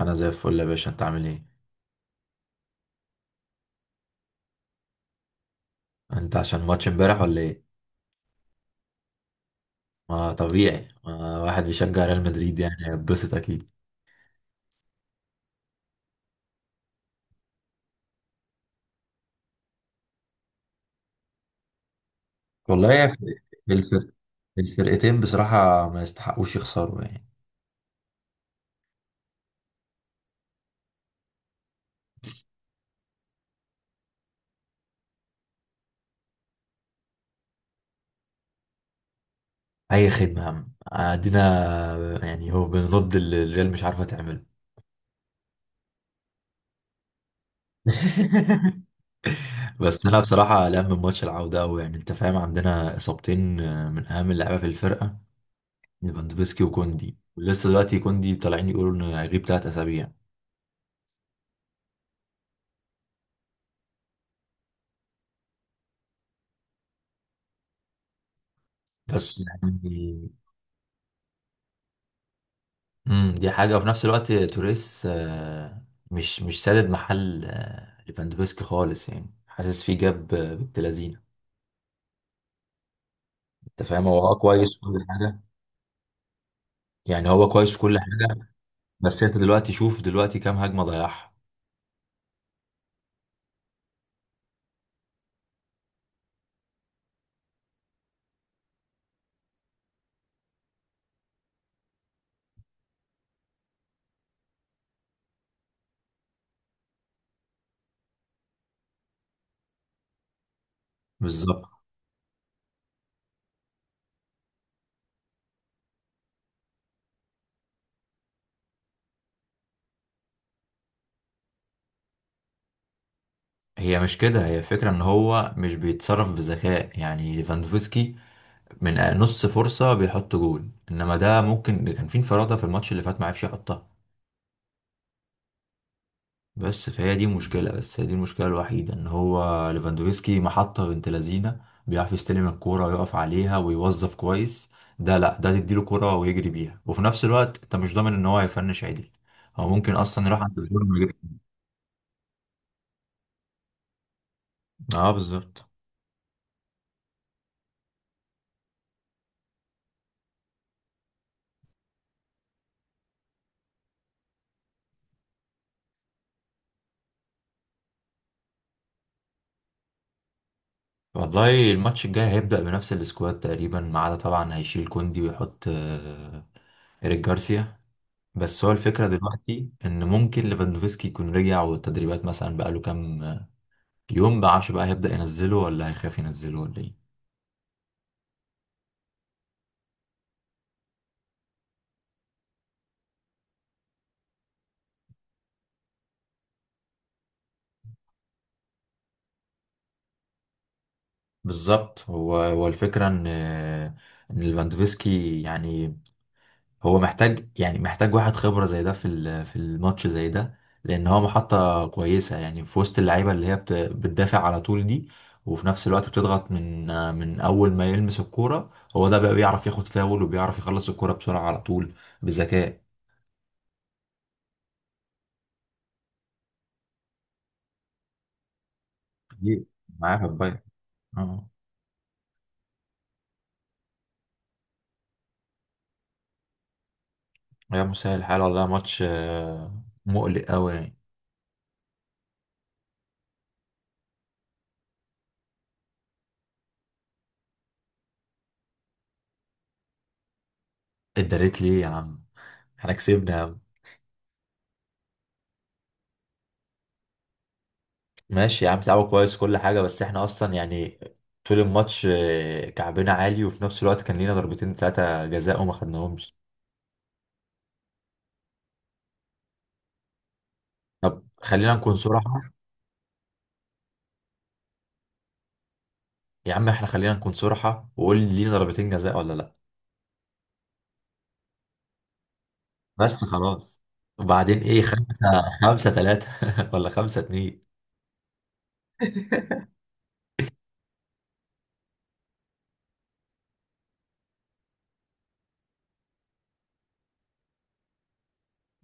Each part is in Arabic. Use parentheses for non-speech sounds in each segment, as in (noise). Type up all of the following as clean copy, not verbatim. انا زي الفل يا باشا، انت عامل ايه؟ انت عشان ماتش امبارح ولا ايه؟ ما طبيعي، ما واحد بيشجع ريال مدريد يعني هيتبسط اكيد. والله يا أخي، الفرق الفرقتين بصراحة ما يستحقوش يخسروا يعني. (laughs) اي خدمه يا عم ادينا. يعني هو بنرد اللي الريال مش عارفه تعمله. (laughs) بس انا بصراحه قلقان من ماتش العوده قوي. يعني انت فاهم، عندنا اصابتين من اهم اللعيبه في الفرقه، ليفاندوفسكي وكوندي، ولسه دلوقتي كوندي طالعين يقولوا انه هيغيب 3 اسابيع. بس يعني دي حاجة، وفي نفس الوقت توريس مش سادد محل ليفاندوفسكي خالص، يعني حاسس فيه. جاب بنت لذينه، انت فاهم. هو كويس في كل حاجة، يعني هو كويس في كل حاجة. بس انت دلوقتي شوف دلوقتي كام هجمة ضيعها. بالظبط. هي مش كده، هي فكرة ان هو مش بيتصرف بذكاء يعني. ليفاندوفسكي من نص فرصة بيحط جول، انما ده ممكن كان في انفرادة في الماتش اللي فات ما عرفش يحطها. بس فهي دي مشكلة، بس هي دي المشكلة الوحيدة. ان هو ليفاندوفسكي محطة بنت لذينة، بيعرف يستلم الكورة ويقف عليها ويوظف كويس. ده لا، ده تديله كورة ويجري بيها، وفي نفس الوقت انت مش ضامن ان هو هيفنش عدل. هو ممكن اصلا يروح عند الجول ويجري. اه بالظبط. والله الماتش الجاي هيبدأ بنفس السكواد تقريبا، ما عدا طبعا هيشيل كوندي ويحط إيريك جارسيا. بس هو الفكرة دلوقتي إن ممكن ليفاندوفسكي يكون رجع، والتدريبات مثلا بقاله كام يوم، بعشه بقى هيبدأ ينزله ولا هيخاف ينزله ولا ايه. بالظبط. هو الفكرة ان ليفاندوفسكي يعني، هو محتاج يعني محتاج واحد خبرة زي ده في الماتش زي ده، لان هو محطة كويسة يعني في وسط اللعيبة اللي هي بتدافع على طول دي، وفي نفس الوقت بتضغط من اول ما يلمس الكورة. هو ده بقى بيعرف ياخد فاول، وبيعرف يخلص الكورة بسرعة على طول بذكاء. دي معاه في البايرن. اه. يا مسهل الحال، والله ماتش مقلق قوي يعني. اتدريت ليه يا عم؟ احنا كسبنا يا عم. ماشي يا عم، لعبوا كويس كل حاجة، بس احنا اصلا يعني طول الماتش كعبنا عالي، وفي نفس الوقت كان لينا ضربتين 3 جزاء وما خدناهمش. طب خلينا نكون صراحة. يا عم احنا خلينا نكون صراحة، وقول لي لينا ضربتين جزاء ولا لا؟ بس خلاص. وبعدين ايه؟ خمسة، 5-3 (laughs) ولا 5-2؟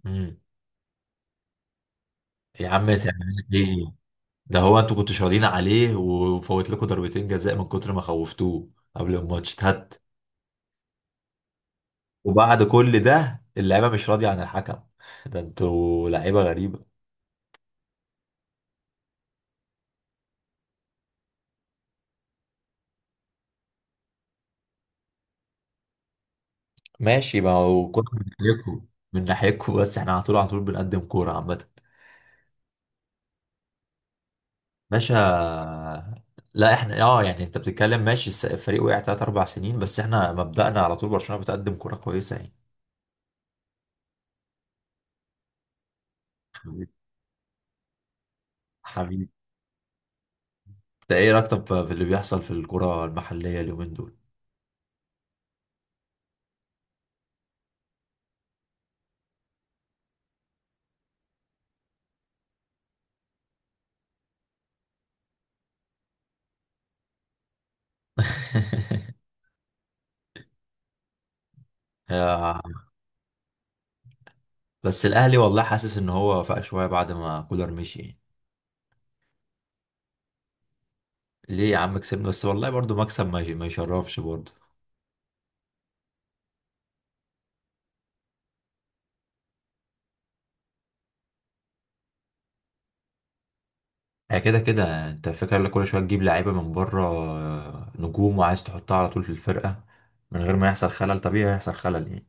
امم. يا عم تعمل ايه؟ ده هو انتوا كنتوا شغالين عليه، وفوت لكم ضربتين جزاء من كتر ما خوفتوه قبل الماتش. هات. وبعد كل ده اللعيبه مش راضيه عن الحكم (laughs) ده انتوا لعيبه غريبه. ماشي، ما هو كوره من ناحيتكم. من ناحيتكم، بس احنا على طول على طول بنقدم كوره عامه. باشا، لا احنا يعني انت بتتكلم ماشي، الفريق وقع 3-4 سنين، بس احنا مبدأنا على طول برشلونه بتقدم كوره كويسه يعني. حبيبي. حبيبي، انت ايه رايك طب في اللي بيحصل في الكوره المحليه اليومين دول؟ (laughs) آه، بس الاهلي والله حاسس ان هو فاق شويه بعد ما كولر مشي يعني. ليه يا عم؟ كسبنا بس، والله برضو مكسب ما يشرفش برضو. هي كده كده، انت فاكر لك كل شويه تجيب لعيبه من بره نجوم، وعايز تحطها على طول في الفرقه من غير ما يحصل خلل. طبيعي هيحصل خلل يعني.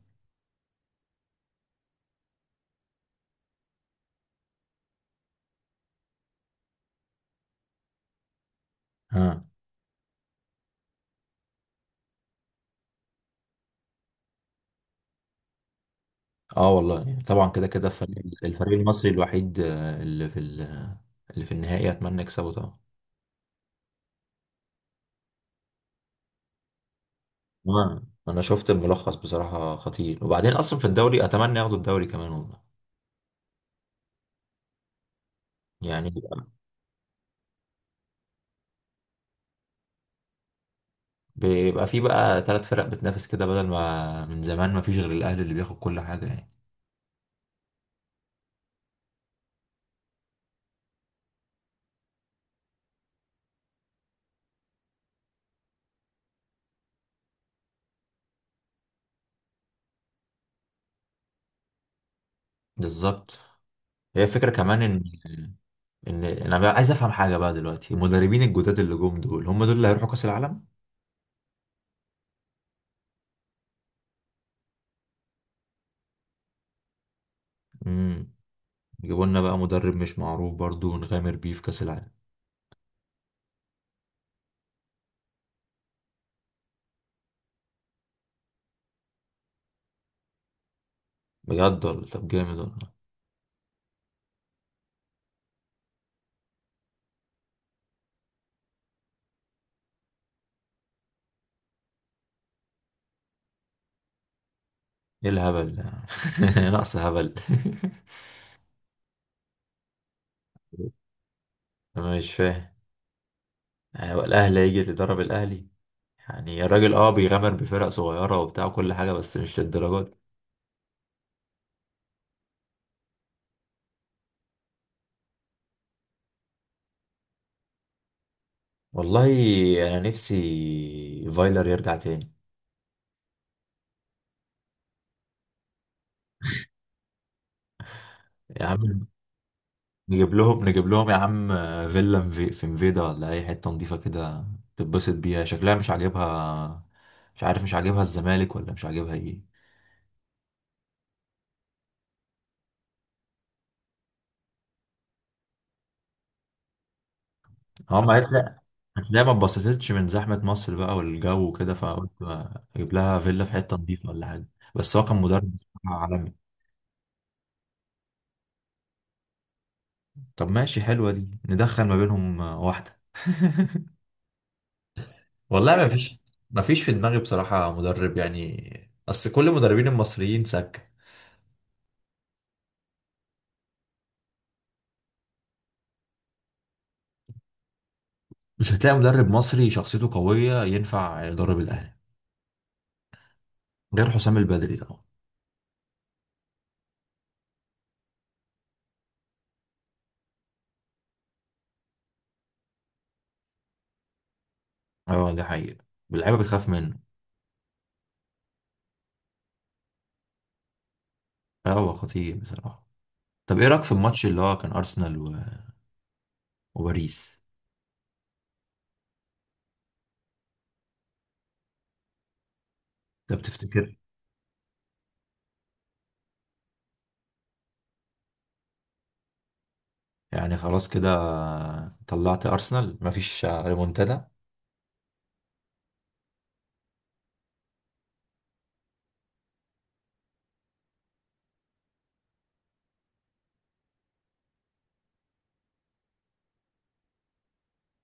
ها. اه والله يعني طبعا كده كده، الفريق الفريق المصري الوحيد اللي في النهائي، اتمنى يكسبه طبعا. آه، انا شفت الملخص بصراحه خطير. وبعدين اصلا في الدوري، اتمنى ياخدوا الدوري كمان والله. يعني بيبقى في بقى 3 فرق بتنافس كده، بدل ما من زمان ما فيش غير الاهلي اللي بياخد كل حاجه يعني. بالظبط. هي فكرة كمان ان انا بقى عايز افهم حاجة بقى. دلوقتي المدربين الجداد اللي جم دول هم دول اللي هيروحوا كأس العالم؟ امم يجيبوا لنا بقى مدرب مش معروف برضو ونغامر بيه في كأس العالم؟ بجد والله؟ طب جامد والله. ايه الهبل ده (laughs) نقص هبل. (laughs) انا مش فاهم، يعني هو الاهلي هيجي اللي يدرب الاهلي؟ يعني الراجل بيغامر بفرق صغيرة وبتاع كل حاجة، بس مش للدرجات. والله انا نفسي فايلر يرجع تاني. يا عم نجيب لهم نجيب لهم يا عم، فيلا في مفيدا ولا اي حته نضيفه كده، تتبسط بيها. شكلها مش عاجبها، مش عارف مش عاجبها الزمالك ولا مش عاجبها ايه. اه ما هتلاقي ما اتبسطتش من زحمه مصر بقى والجو وكده، فقلت ما اجيب لها فيلا في حته نضيفه ولا حاجه. بس هو كان مدرب بصراحة عالمي. طب ماشي، حلوه دي، ندخل ما بينهم واحده (laughs) والله ما فيش في دماغي بصراحه مدرب يعني، اصل كل المدربين المصريين سكه. مش هتلاقي مدرب مصري شخصيته قوية ينفع يدرب الأهلي، غير حسام البدري طبعا. اه ده حقيقة، اللعيبة بتخاف منه. اه هو خطير بصراحة. طب ايه رأيك في الماتش اللي هو كان أرسنال وباريس؟ ده بتفتكر؟ يعني خلاص كده طلعت أرسنال مفيش ريمونتادا؟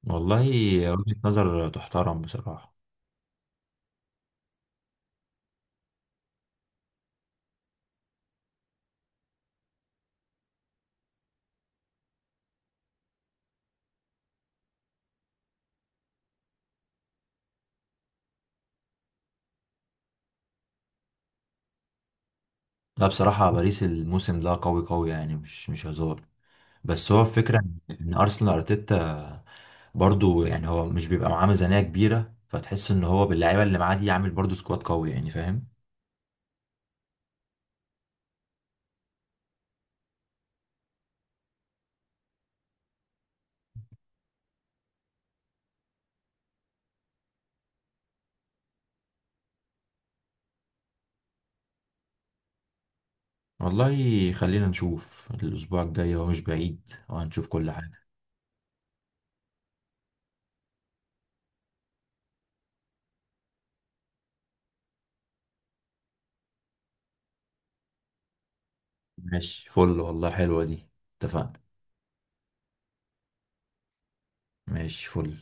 والله وجهة نظر تحترم بصراحة. لا بصراحة باريس الموسم ده قوي قوي يعني، مش هزار. بس هو الفكرة إن أرسنال أرتيتا برضو يعني، هو مش بيبقى معاه ميزانية كبيرة، فتحس إن هو باللعيبة اللي معاه دي يعمل برضو سكواد قوي يعني، فاهم. والله خلينا نشوف الأسبوع الجاي، هو مش بعيد وهنشوف كل حاجة. ماشي فل، والله حلوة دي. اتفقنا. ماشي فل.